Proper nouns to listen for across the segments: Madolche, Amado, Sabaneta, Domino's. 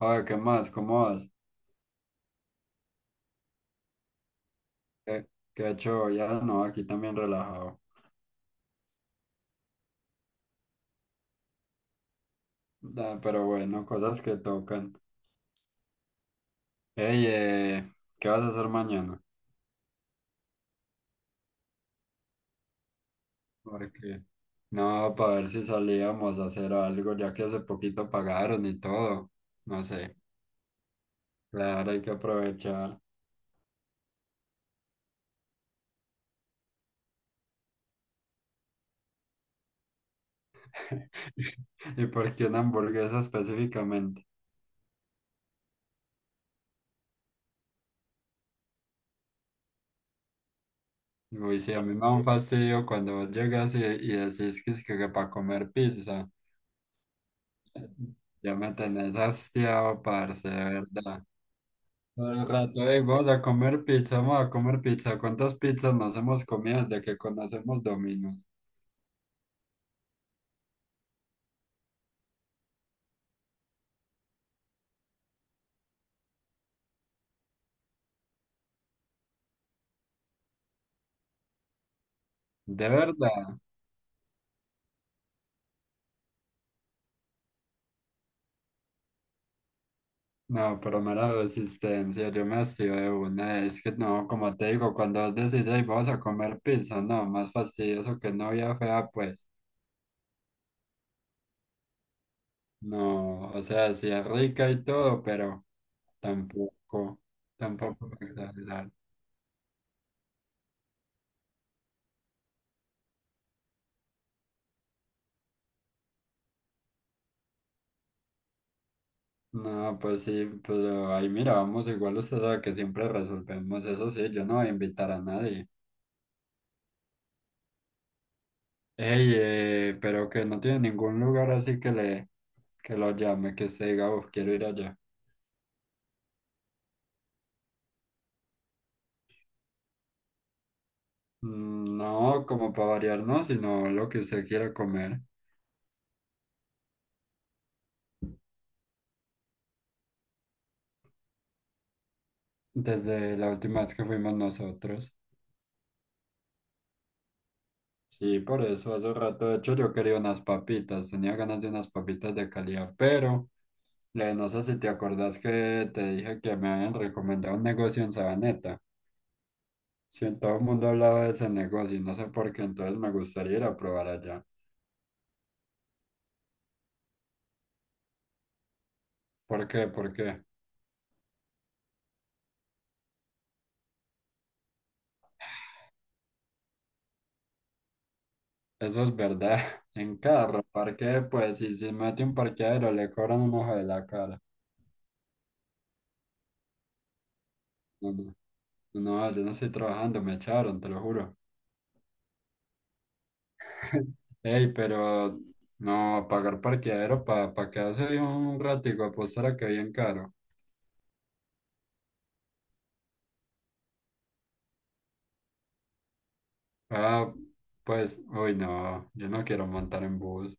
Oye, ¿qué más? ¿Cómo vas? ¿Qué, qué ha hecho? Ya no, aquí también relajado. Pero bueno, cosas que tocan. Ey, ¿qué vas a hacer mañana? Porque no, para ver si salíamos a hacer algo, ya que hace poquito pagaron y todo. No sé. Claro, hay que aprovechar. ¿Y por qué una hamburguesa específicamente? Uy, sí, a mí me da un fastidio cuando vos llegas y decís que, es que, para comer pizza. Ya me tenés hastiado, parce, de verdad. Todo el rato, "Ey, vamos a comer pizza, vamos a comer pizza. ¿Cuántas pizzas nos hemos comido desde que conocemos Domino's?" ¿De verdad? No, pero mera resistencia, yo me hastío de una. Es que no, como te digo, cuando vos decís, "Ey, vamos a comer pizza", no, más fastidioso que novia fea, pues. No, o sea, sí es rica y todo, pero tampoco, tampoco exagerar. No, pues sí, pues ahí mira, vamos, igual usted sabe que siempre resolvemos eso, sí, yo no voy a invitar a nadie. Ey, pero que no tiene ningún lugar así que le que lo llame, que se diga, "Uf, quiero ir allá". Mm, no, como para variar, no, sino lo que usted quiera comer. Desde la última vez que fuimos nosotros. Sí, por eso hace rato, de hecho, yo quería unas papitas, tenía ganas de unas papitas de calidad, pero no sé si te acordás que te dije que me habían recomendado un negocio en Sabaneta. Sí, todo el mundo hablaba de ese negocio y no sé por qué, entonces me gustaría ir a probar allá. ¿Por qué? ¿Por qué? Eso es verdad. En carro parque, pues, si se mete un parqueadero, le cobran un ojo de la cara. No, no, no, yo no estoy trabajando, me echaron, te lo juro. Ey, pero no, pagar parqueadero para pa pa quedarse ahí un ratico, apostar a que bien caro. Ah, pues, uy, no, yo no quiero montar en bus.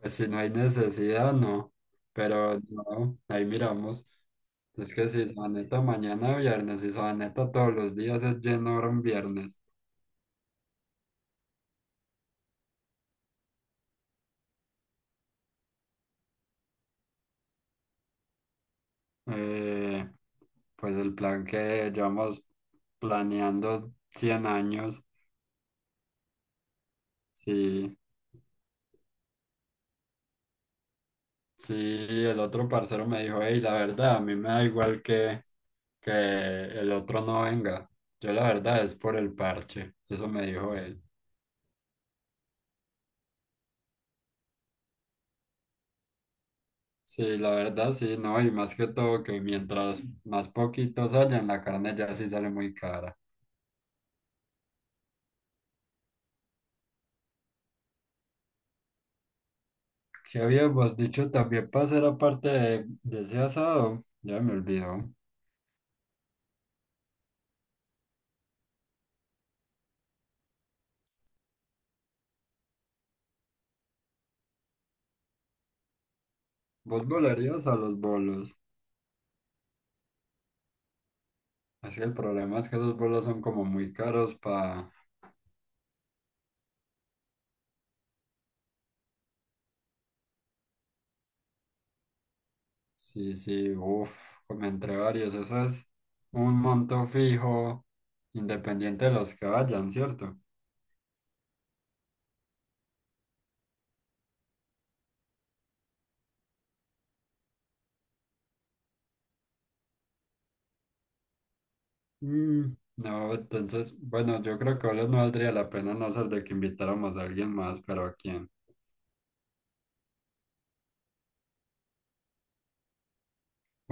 Pues si no hay necesidad, no. Pero no, ahí miramos. Es que si se va neta mañana viernes, si se va neta todos los días es lleno ahora un viernes. Eh, pues el plan que llevamos planeando 100 años. Sí, sí, el otro parcero me dijo, hey, la verdad, a mí me da igual que, el otro no venga. Yo la verdad es por el parche, eso me dijo él. Sí, la verdad sí, no, y más que todo que mientras más poquitos hayan, la carne ya sí sale muy cara. ¿Qué habíamos dicho también para hacer aparte de ese asado? Ya me olvidó. ¿Vos volarías a los bolos? Así el problema es que esos vuelos son como muy caros para... Sí, sí, uff, como entre varios. Eso es un monto fijo, independiente de los que vayan, ¿cierto? Mm, no, entonces, bueno, yo creo que ahora no valdría la pena a no ser de que invitáramos a alguien más, pero ¿a quién?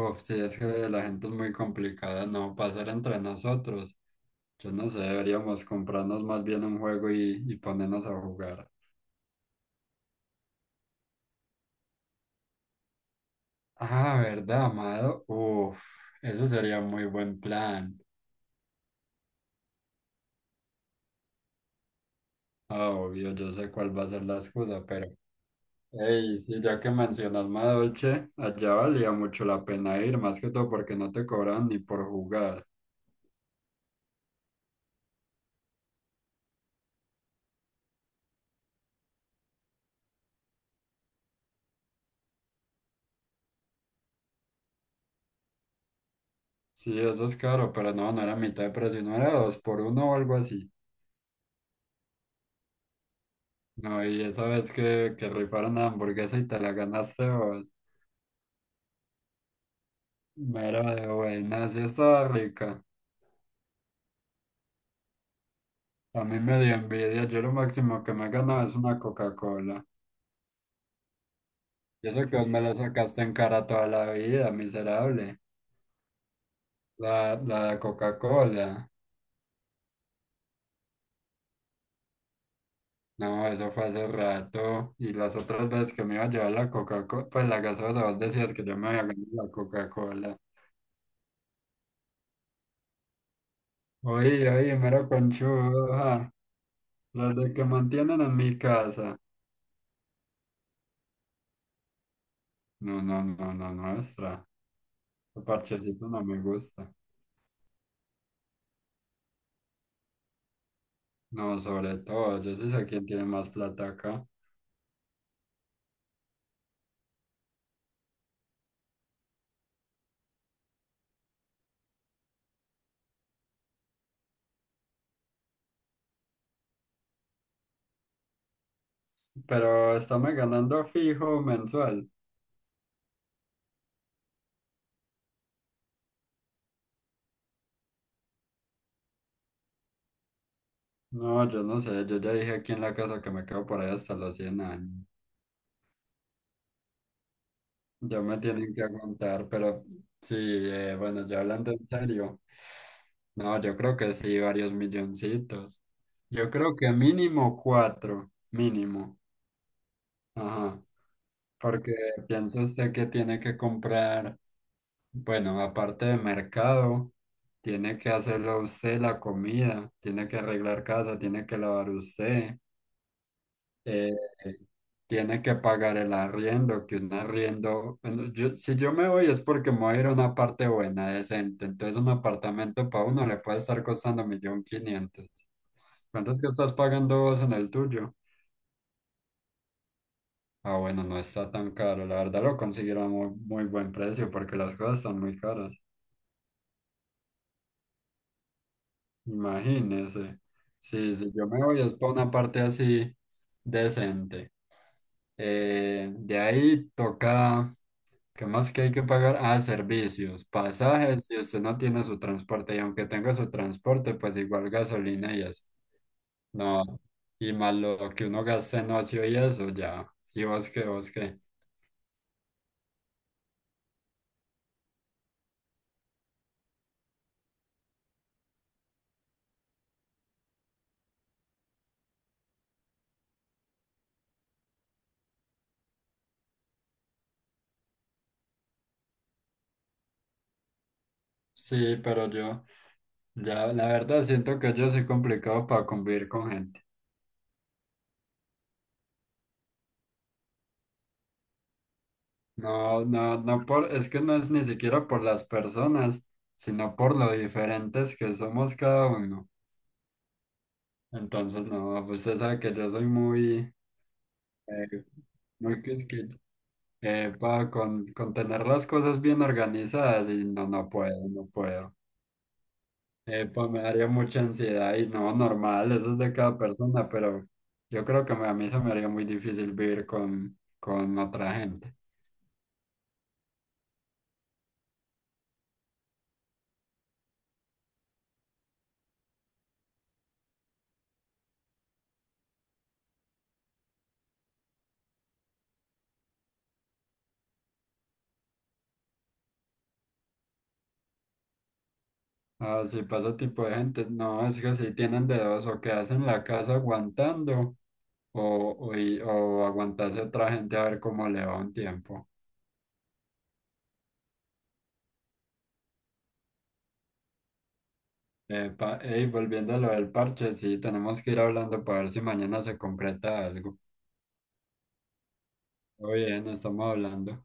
Uf, sí, es que la gente es muy complicada, ¿no? Pasar entre nosotros. Yo no sé, deberíamos comprarnos más bien un juego y ponernos a jugar. Ah, ¿verdad, Amado? Uf, eso sería muy buen plan. Ah, obvio, yo sé cuál va a ser la excusa, pero... Ey, sí, ya que mencionas Madolche, allá valía mucho la pena ir, más que todo porque no te cobran ni por jugar. Sí, eso es caro, pero no, no era mitad de precio, no era dos por uno o algo así. No, y esa vez que, rifaron la hamburguesa y te la ganaste vos, mera de buena, sí estaba rica. A mí me dio envidia, yo lo máximo que me he ganado es una Coca-Cola. Y eso que vos me lo sacaste en cara toda la vida, miserable. la de Coca-Cola. No, eso fue hace rato. Y las otras veces que me iba a llevar la Coca-Cola, pues la gaseosa, vos decías que yo me había ganado la Coca-Cola. Oye, oye, mero conchudo, las de que mantienen en mi casa. No, no, no, no, nuestra. El parchecito no me gusta. No, sobre todo, yo sí sé quién tiene más plata acá. Pero estamos ganando fijo mensual. No, yo no sé, yo ya dije aquí en la casa que me quedo por ahí hasta los 100 años. Ya me tienen que aguantar, pero sí, bueno, ya hablando en serio, no, yo creo que sí, varios milloncitos. Yo creo que mínimo cuatro, mínimo, ajá, porque piensa usted que tiene que comprar, bueno, aparte de mercado, tiene que hacerlo usted la comida, tiene que arreglar casa, tiene que lavar usted. eh, Tiene que pagar el arriendo, que un arriendo, bueno, si yo me voy es porque me voy a ir a una parte buena, decente, entonces un apartamento para uno le puede estar costando 1.500.000. ¿Cuánto es que estás pagando vos en el tuyo? Ah, bueno, no está tan caro, la verdad lo consiguieron a muy, muy buen precio porque las cosas están muy caras. Imagínese, si, yo me voy es para una parte así decente. De ahí toca. ¿Qué más que hay que pagar? Ah, servicios, pasajes, si usted no tiene su transporte, y aunque tenga su transporte, pues igual gasolina y eso. No, y más lo que uno gasta en ocio y eso, ya. ¿Y vos qué, vos qué? Sí, pero yo, ya, la verdad siento que yo soy complicado para convivir con gente. No, no, no por, es que no es ni siquiera por las personas, sino por lo diferentes que somos cada uno. Entonces, no, usted sabe que yo soy muy... eh, Muy quisquilloso. Epa, con, tener las cosas bien organizadas y no, no puedo, no puedo. Epa, me daría mucha ansiedad y no, normal, eso es de cada persona, pero yo creo que a mí se me haría muy difícil vivir con otra gente. Ah, si pasa tipo de gente, no, es que si tienen dedos o quedas en la casa aguantando o, o aguantarse a otra gente a ver cómo le va un tiempo. Epa, ey, volviendo a lo del parche, sí, tenemos que ir hablando para ver si mañana se concreta algo. Oye, no estamos hablando.